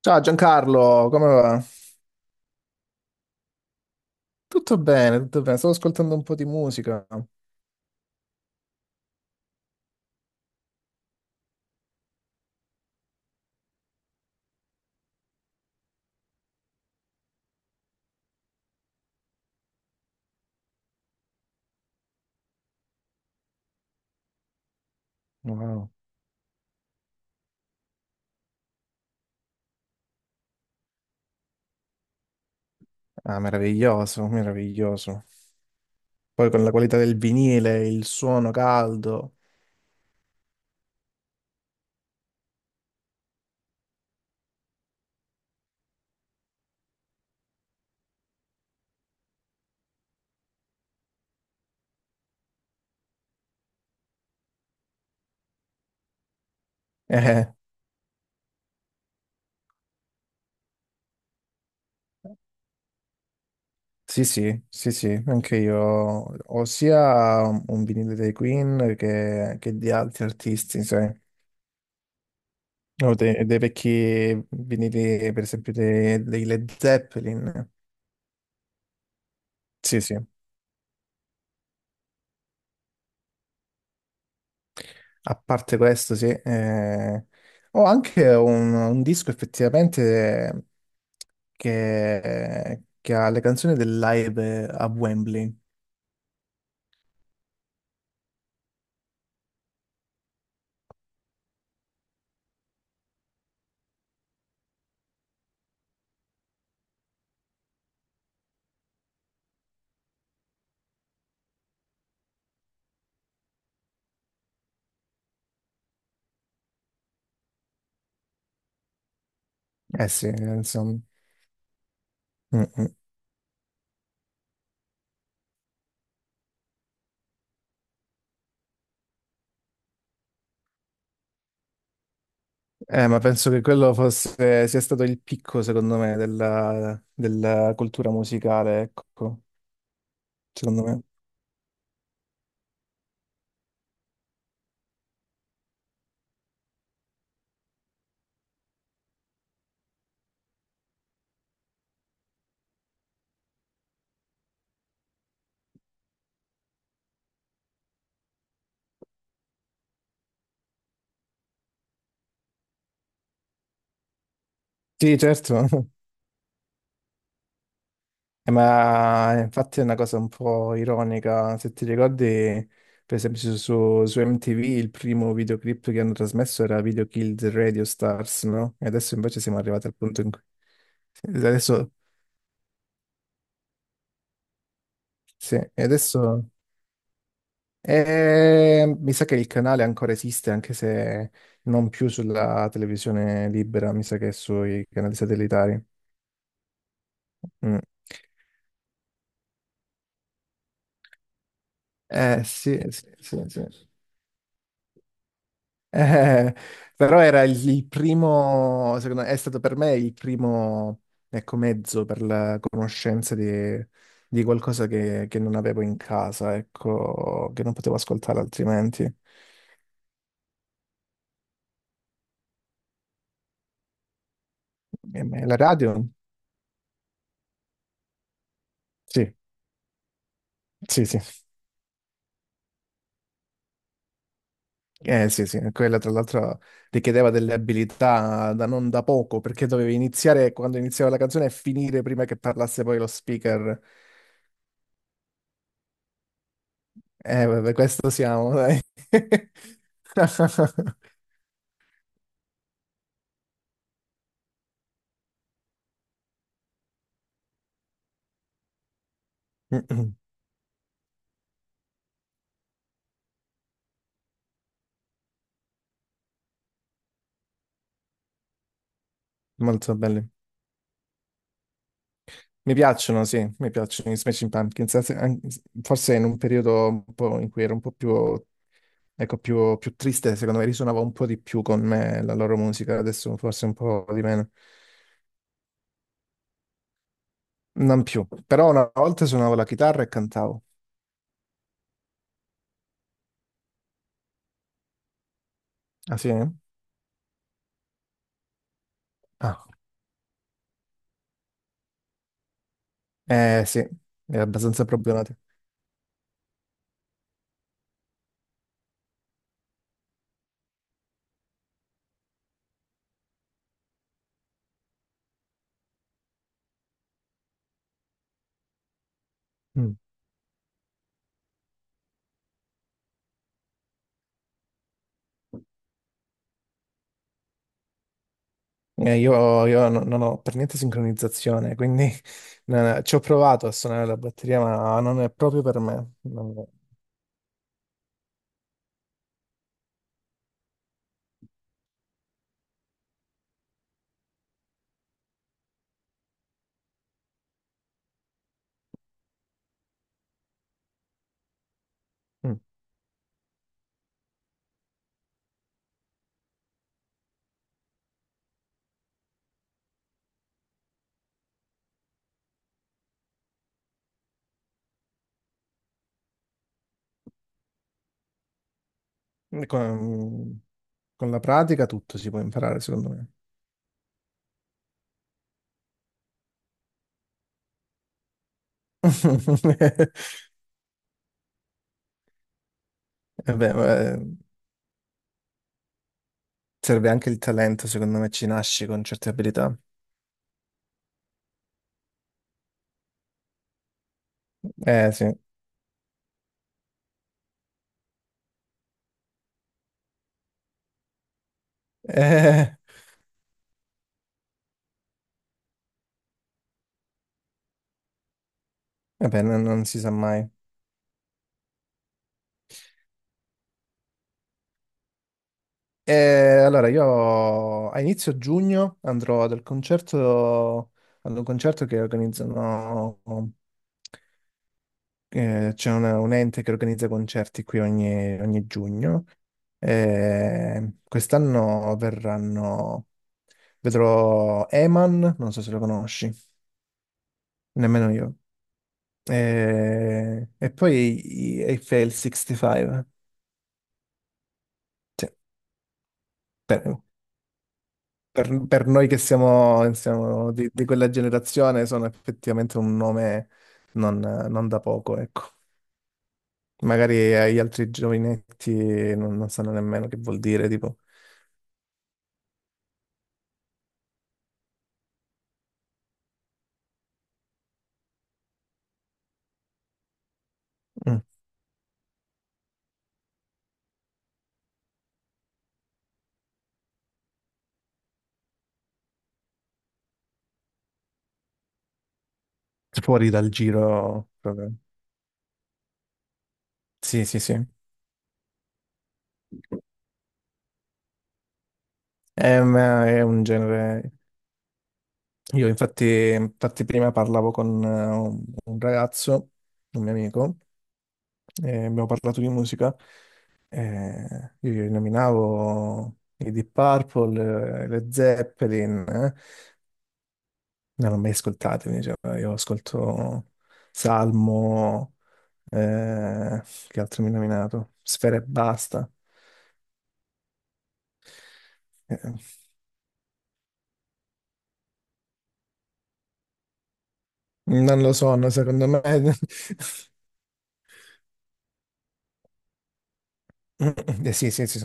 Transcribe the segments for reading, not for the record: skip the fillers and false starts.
Ciao Giancarlo, come va? Tutto bene, tutto bene. Stavo ascoltando un po' di musica. Wow. Ah, meraviglioso, meraviglioso. Poi con la qualità del vinile, il suono caldo. Eh, sì, sì, sì, sì, anche io ho sia un vinile dei Queen che di altri artisti, sai. Ho dei vecchi vinili, per esempio, dei Led Zeppelin. Sì, sì. A parte questo, sì, ho anche un disco effettivamente che ha le canzoni del live a Wembley. Eh sì, insomma. Mm, mm. Ma penso che quello fosse, sia stato il picco, secondo me, della cultura musicale, ecco, secondo me. Sì, certo. Ma infatti è una cosa un po' ironica, se ti ricordi, per esempio su MTV il primo videoclip che hanno trasmesso era Video Killed Radio Stars, no? E adesso invece siamo arrivati al punto in cui... Adesso, sì, e adesso... mi sa che il canale ancora esiste, anche se non più sulla televisione libera, mi sa che è sui canali satellitari. Mm. Eh sì, sì, sì, sì. Eh, però era il primo, secondo me, è stato per me il primo, ecco, mezzo per la conoscenza di qualcosa che non avevo in casa, ecco, che non potevo ascoltare altrimenti. E la radio? Sì, sì, sì. Sì, sì, quella tra l'altro richiedeva delle abilità da non da poco, perché dovevi iniziare quando iniziava la canzone e finire prima che parlasse poi lo speaker. Vabbè, questo siamo, dai. Mm-mm. Molto belli. Mi piacciono, sì, mi piacciono i Smashing Pumpkins. Anzi, forse in un periodo un po' in cui ero un po' più, ecco, più, più triste, secondo me risuonava un po' di più con me la loro musica, adesso forse un po' di meno. Non più. Però una volta suonavo la chitarra e cantavo. Ah sì? Ah. Eh sì, è abbastanza problematico. Mm. Io non ho per niente sincronizzazione, quindi no, no, ci ho provato a suonare la batteria, ma non è proprio per me. Con, con la pratica tutto si può imparare, secondo me. E beh, ma, eh, serve anche il talento, secondo me ci nasci con certe abilità. Eh sì, eh, vabbè, non, non si sa mai. E allora io a inizio giugno andrò ad un concerto che organizzano, c'è un ente che organizza concerti qui ogni giugno. Quest'anno verranno. Vedrò Eman, non so se lo conosci, nemmeno io. E poi Eiffel 65. Cioè, per, per noi che siamo, siamo di quella generazione sono effettivamente un nome non, non da poco, ecco. Magari agli altri giovinetti non, non sanno nemmeno che vuol dire, tipo, mm, fuori dal giro proprio. Sì, sì, sì. È, un genere. Io infatti, infatti prima parlavo con un ragazzo, un mio amico, e abbiamo parlato di musica. E io gli nominavo i Deep Purple, le Zeppelin, eh. Non l'ho mai ascoltato, mi diceva, io ascolto Salmo, eh, che altro mi ha nominato? Sfera e basta. Eh, non lo so, no, secondo me... sì, sì, sì, sì,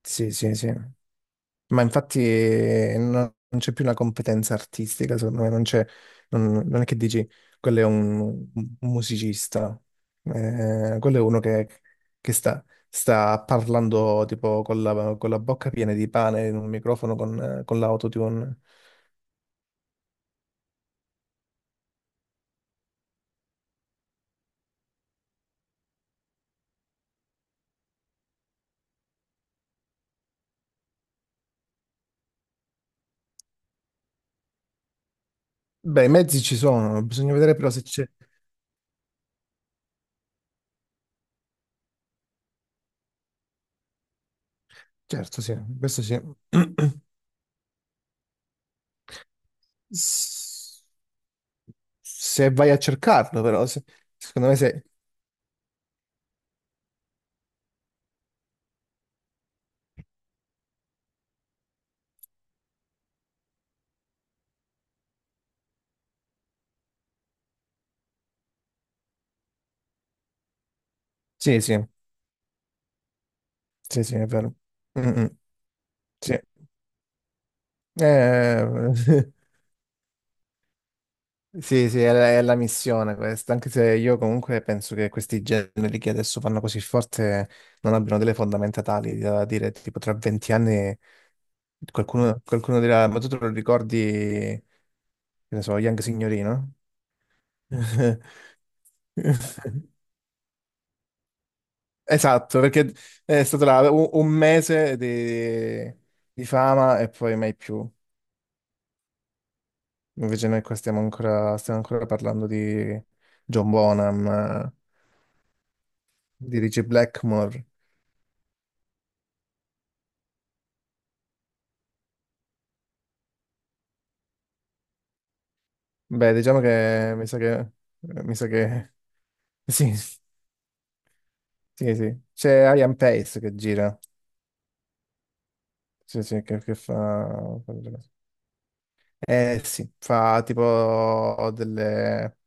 sì, sì, sì, sì. Ma infatti non c'è più una competenza artistica, secondo me, non c'è, non, non è che dici quello è un musicista. Quello è uno che sta, sta parlando tipo con la bocca piena di pane in un microfono con l'autotune. Beh, i mezzi ci sono, bisogna vedere però se c'è... Certo, sì, questo sì. S- se vai a cercarlo, però, secondo me se... Sì, sì, sì, sì, è vero. Mm, mm. Sì, eh, sì, sì, è la missione questa, anche se io comunque penso che questi generi che adesso fanno così forte non abbiano delle fondamenta tali da dire tipo tra 20 anni qualcuno, qualcuno dirà, ma tu te lo ricordi, che ne so, Young Signorino? Esatto, perché è stato là un mese di fama e poi mai più. Invece noi qua stiamo ancora parlando di John Bonham, di Ritchie Blackmore. Beh, diciamo che mi sa che... mi sa che... Sì, sì, sì. C'è Ian Pace che gira. Sì, sì, che fa... fa delle cose. Eh sì, fa tipo delle...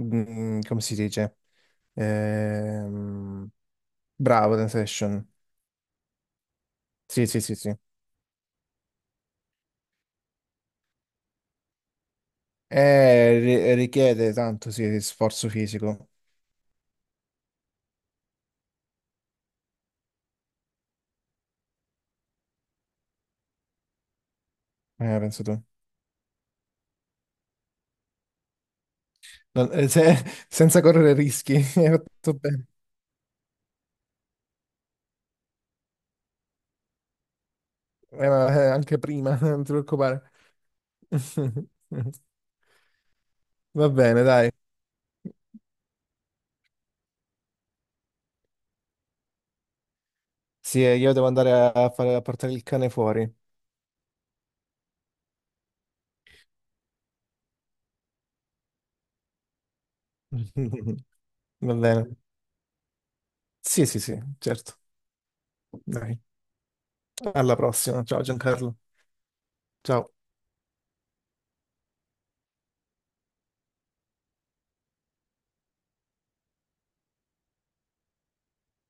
mm, come si dice? Ehm, bravo, Sensation. Sì, sì, sì, sì. Richiede tanto, sì, sforzo fisico. Penso tu. Non- eh, se- senza correre rischi, hai fatto bene. Ma, anche prima, non ti preoccupare. Va bene, dai. Sì, io devo andare a, a portare il cane fuori. Va bene. Sì, sì, sì, certo. Dai. Alla prossima. Ciao Giancarlo. Ciao.